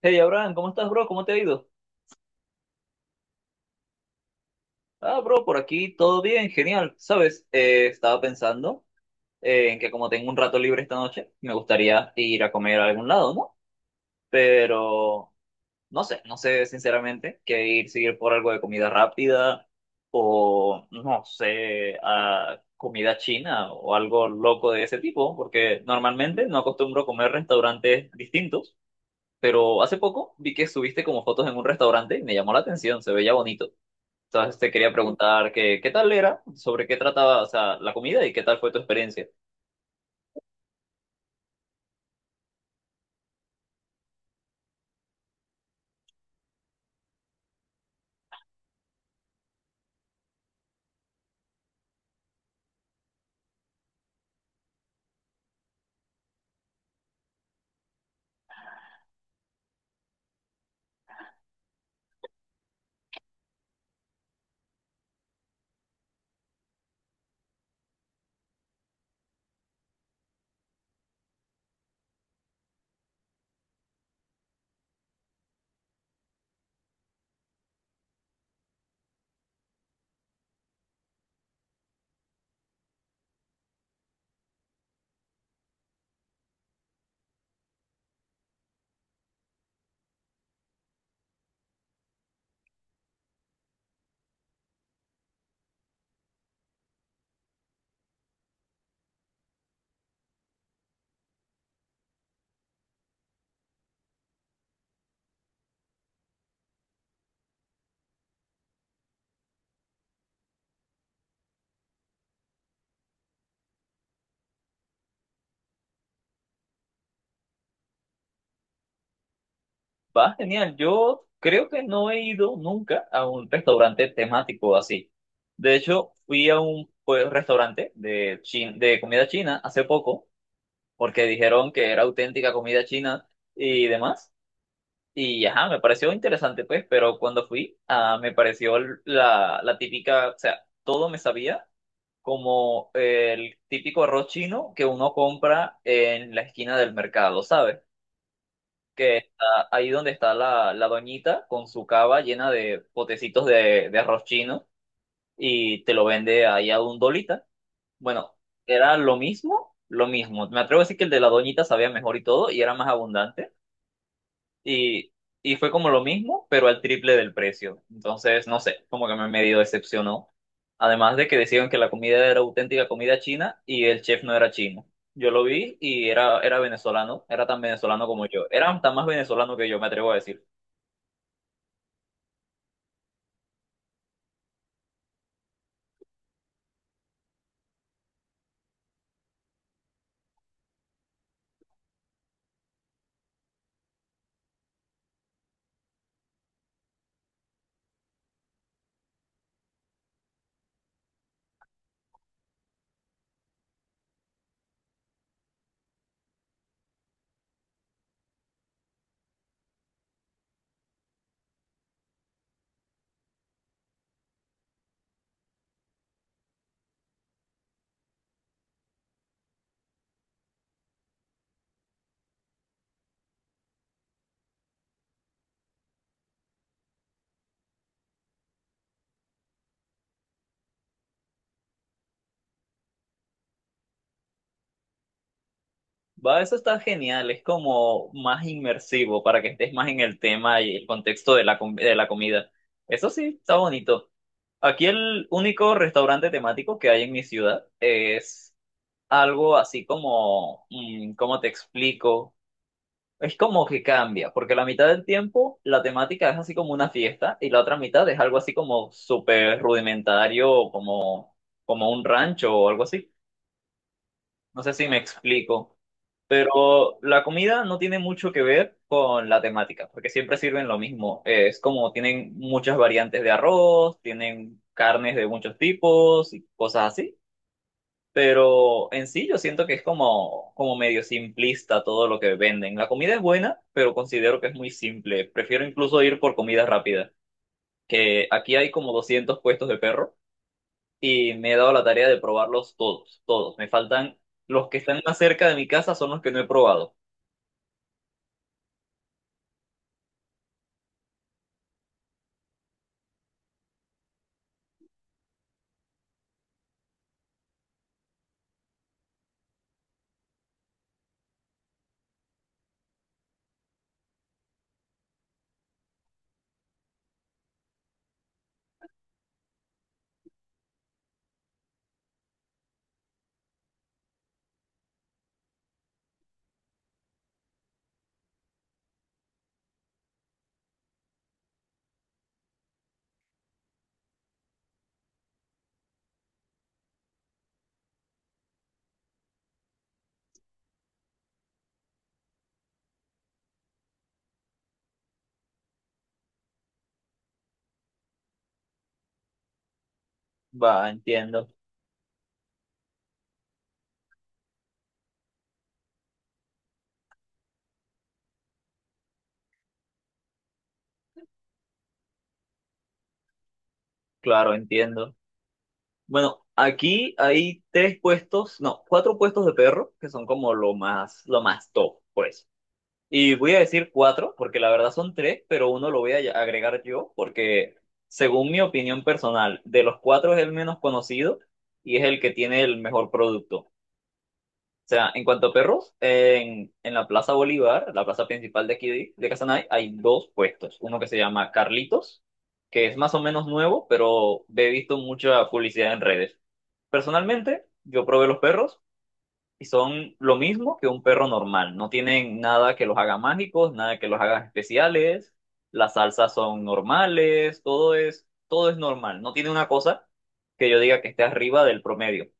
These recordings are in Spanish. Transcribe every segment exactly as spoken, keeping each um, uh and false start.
Hey Abraham, ¿cómo estás, bro? ¿Cómo te ha ido? Ah, bro, por aquí todo bien, genial. Sabes, Eh, estaba pensando eh, en que como tengo un rato libre esta noche, me gustaría ir a comer a algún lado, ¿no? Pero no sé, no sé sinceramente qué ir, seguir por algo de comida rápida o no sé, a comida china o algo loco de ese tipo, porque normalmente no acostumbro comer restaurantes distintos, pero hace poco vi que subiste como fotos en un restaurante y me llamó la atención, se veía bonito. Entonces te quería preguntar que, qué tal era, sobre qué trataba, o sea, la comida y qué tal fue tu experiencia. Va, genial. Yo creo que no he ido nunca a un restaurante temático así. De hecho, fui a un pues, restaurante de, chin- de comida china hace poco, porque dijeron que era auténtica comida china y demás. Y ajá, me pareció interesante, pues, pero cuando fui, ah, me pareció la, la típica, o sea, todo me sabía como el típico arroz chino que uno compra en la esquina del mercado, ¿sabes? Que está ahí donde está la, la doñita con su cava llena de potecitos de, de arroz chino y te lo vende ahí a un dolita. Bueno, era lo mismo, lo mismo. Me atrevo a decir que el de la doñita sabía mejor y todo y era más abundante y, y fue como lo mismo, pero al triple del precio. Entonces, no sé, como que me medio decepcionó. Además de que decían que la comida era auténtica comida china y el chef no era chino. Yo lo vi y era, era venezolano, era tan venezolano como yo. Era tan más venezolano que yo, me atrevo a decir. Va, eso está genial, es como más inmersivo para que estés más en el tema y el contexto de la, com- de la comida. Eso sí, está bonito. Aquí el único restaurante temático que hay en mi ciudad es algo así como, mm, ¿cómo te explico? Es como que cambia, porque la mitad del tiempo la temática es así como una fiesta y la otra mitad es algo así como súper rudimentario, como, como un rancho o algo así. No sé si me explico, pero la comida no tiene mucho que ver con la temática, porque siempre sirven lo mismo. Eh, Es como tienen muchas variantes de arroz, tienen carnes de muchos tipos y cosas así. Pero en sí yo siento que es como, como medio simplista todo lo que venden. La comida es buena, pero considero que es muy simple. Prefiero incluso ir por comida rápida, que aquí hay como doscientos puestos de perro y me he dado la tarea de probarlos todos, todos. Me faltan los que están más cerca de mi casa son los que no he probado. Va, entiendo. Claro, entiendo. Bueno, aquí hay tres puestos, no, cuatro puestos de perro que son como lo más, lo más top. Pues y voy a decir cuatro, porque la verdad son tres, pero uno lo voy a agregar yo, porque según mi opinión personal, de los cuatro es el menos conocido y es el que tiene el mejor producto. O sea, en cuanto a perros, en, en la Plaza Bolívar, la plaza principal de aquí de, de Casanare, hay dos puestos. Uno que se llama Carlitos, que es más o menos nuevo, pero he visto mucha publicidad en redes. Personalmente, yo probé los perros y son lo mismo que un perro normal. No tienen nada que los haga mágicos, nada que los haga especiales. Las salsas son normales, todo es, todo es normal. No tiene una cosa que yo diga que esté arriba del promedio.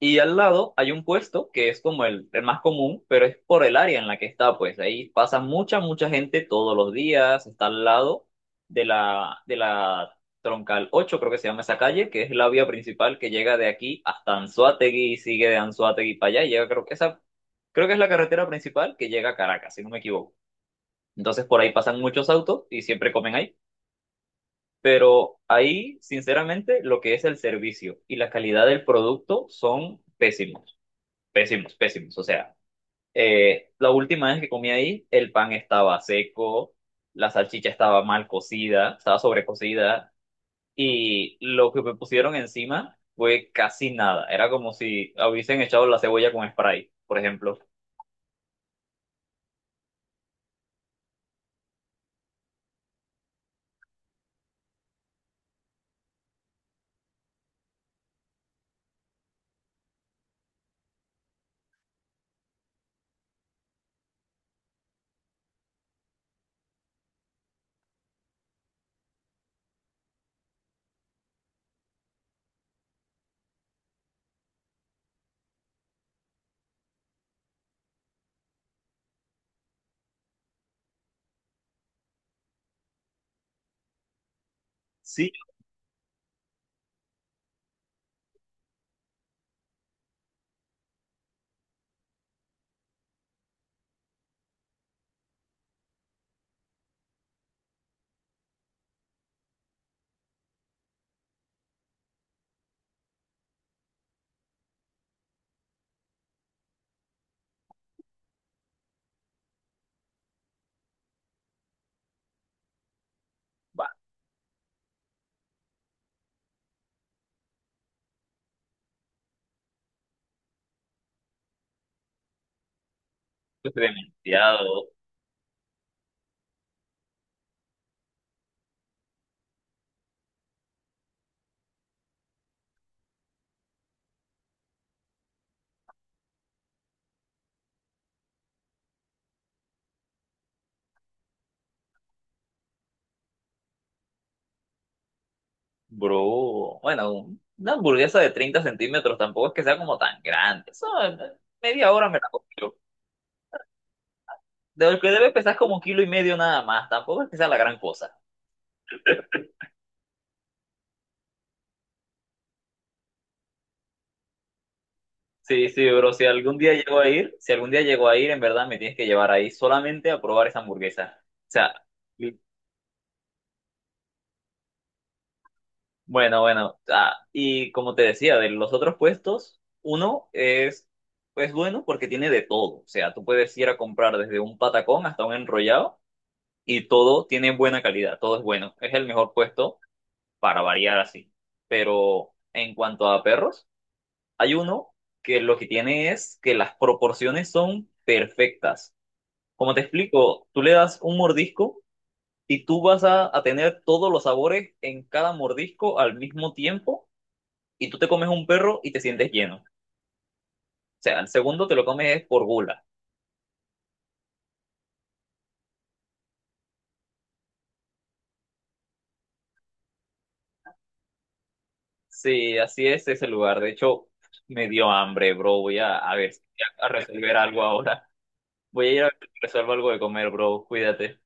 Y al lado hay un puesto que es como el, el más común, pero es por el área en la que está, pues ahí pasa mucha, mucha gente todos los días, está al lado de la, de la Troncal ocho, creo que se llama esa calle, que es la vía principal que llega de aquí hasta Anzoátegui y sigue de Anzoátegui para allá, y llega, creo que esa, creo que es la carretera principal que llega a Caracas, si no me equivoco. Entonces por ahí pasan muchos autos y siempre comen ahí. Pero ahí, sinceramente, lo que es el servicio y la calidad del producto son pésimos. Pésimos, pésimos. O sea, eh, la última vez que comí ahí, el pan estaba seco, la salchicha estaba mal cocida, estaba sobrecocida, y lo que me pusieron encima fue casi nada. Era como si hubiesen echado la cebolla con spray, por ejemplo. Sí, bah, pues, demasiado, bro. Bueno, un- una hamburguesa de treinta centímetros tampoco es que sea como tan grande. Eso, eh, media hora me la comí yo. De lo que debe pesar como un kilo y medio nada más. Tampoco es que sea la gran cosa. Sí, sí, bro, si algún día llego a ir, si algún día llego a ir, en verdad me tienes que llevar ahí solamente a probar esa hamburguesa. O sea, li- bueno, bueno. Ah, y como te decía, de los otros puestos, uno es, pues bueno porque tiene de todo. O sea, tú puedes ir a comprar desde un patacón hasta un enrollado y todo tiene buena calidad, todo es bueno. Es el mejor puesto para variar así. Pero en cuanto a perros, hay uno que lo que tiene es que las proporciones son perfectas. Como te explico, tú le das un mordisco y tú vas a, a tener todos los sabores en cada mordisco al mismo tiempo y tú te comes un perro y te sientes lleno. O sea, el segundo te lo comes es por gula. Sí, así es ese lugar. De hecho, me dio hambre, bro. Voy a, a ver, si a a resolver algo ahora. Voy a ir a ver si resuelvo algo de comer, bro. Cuídate.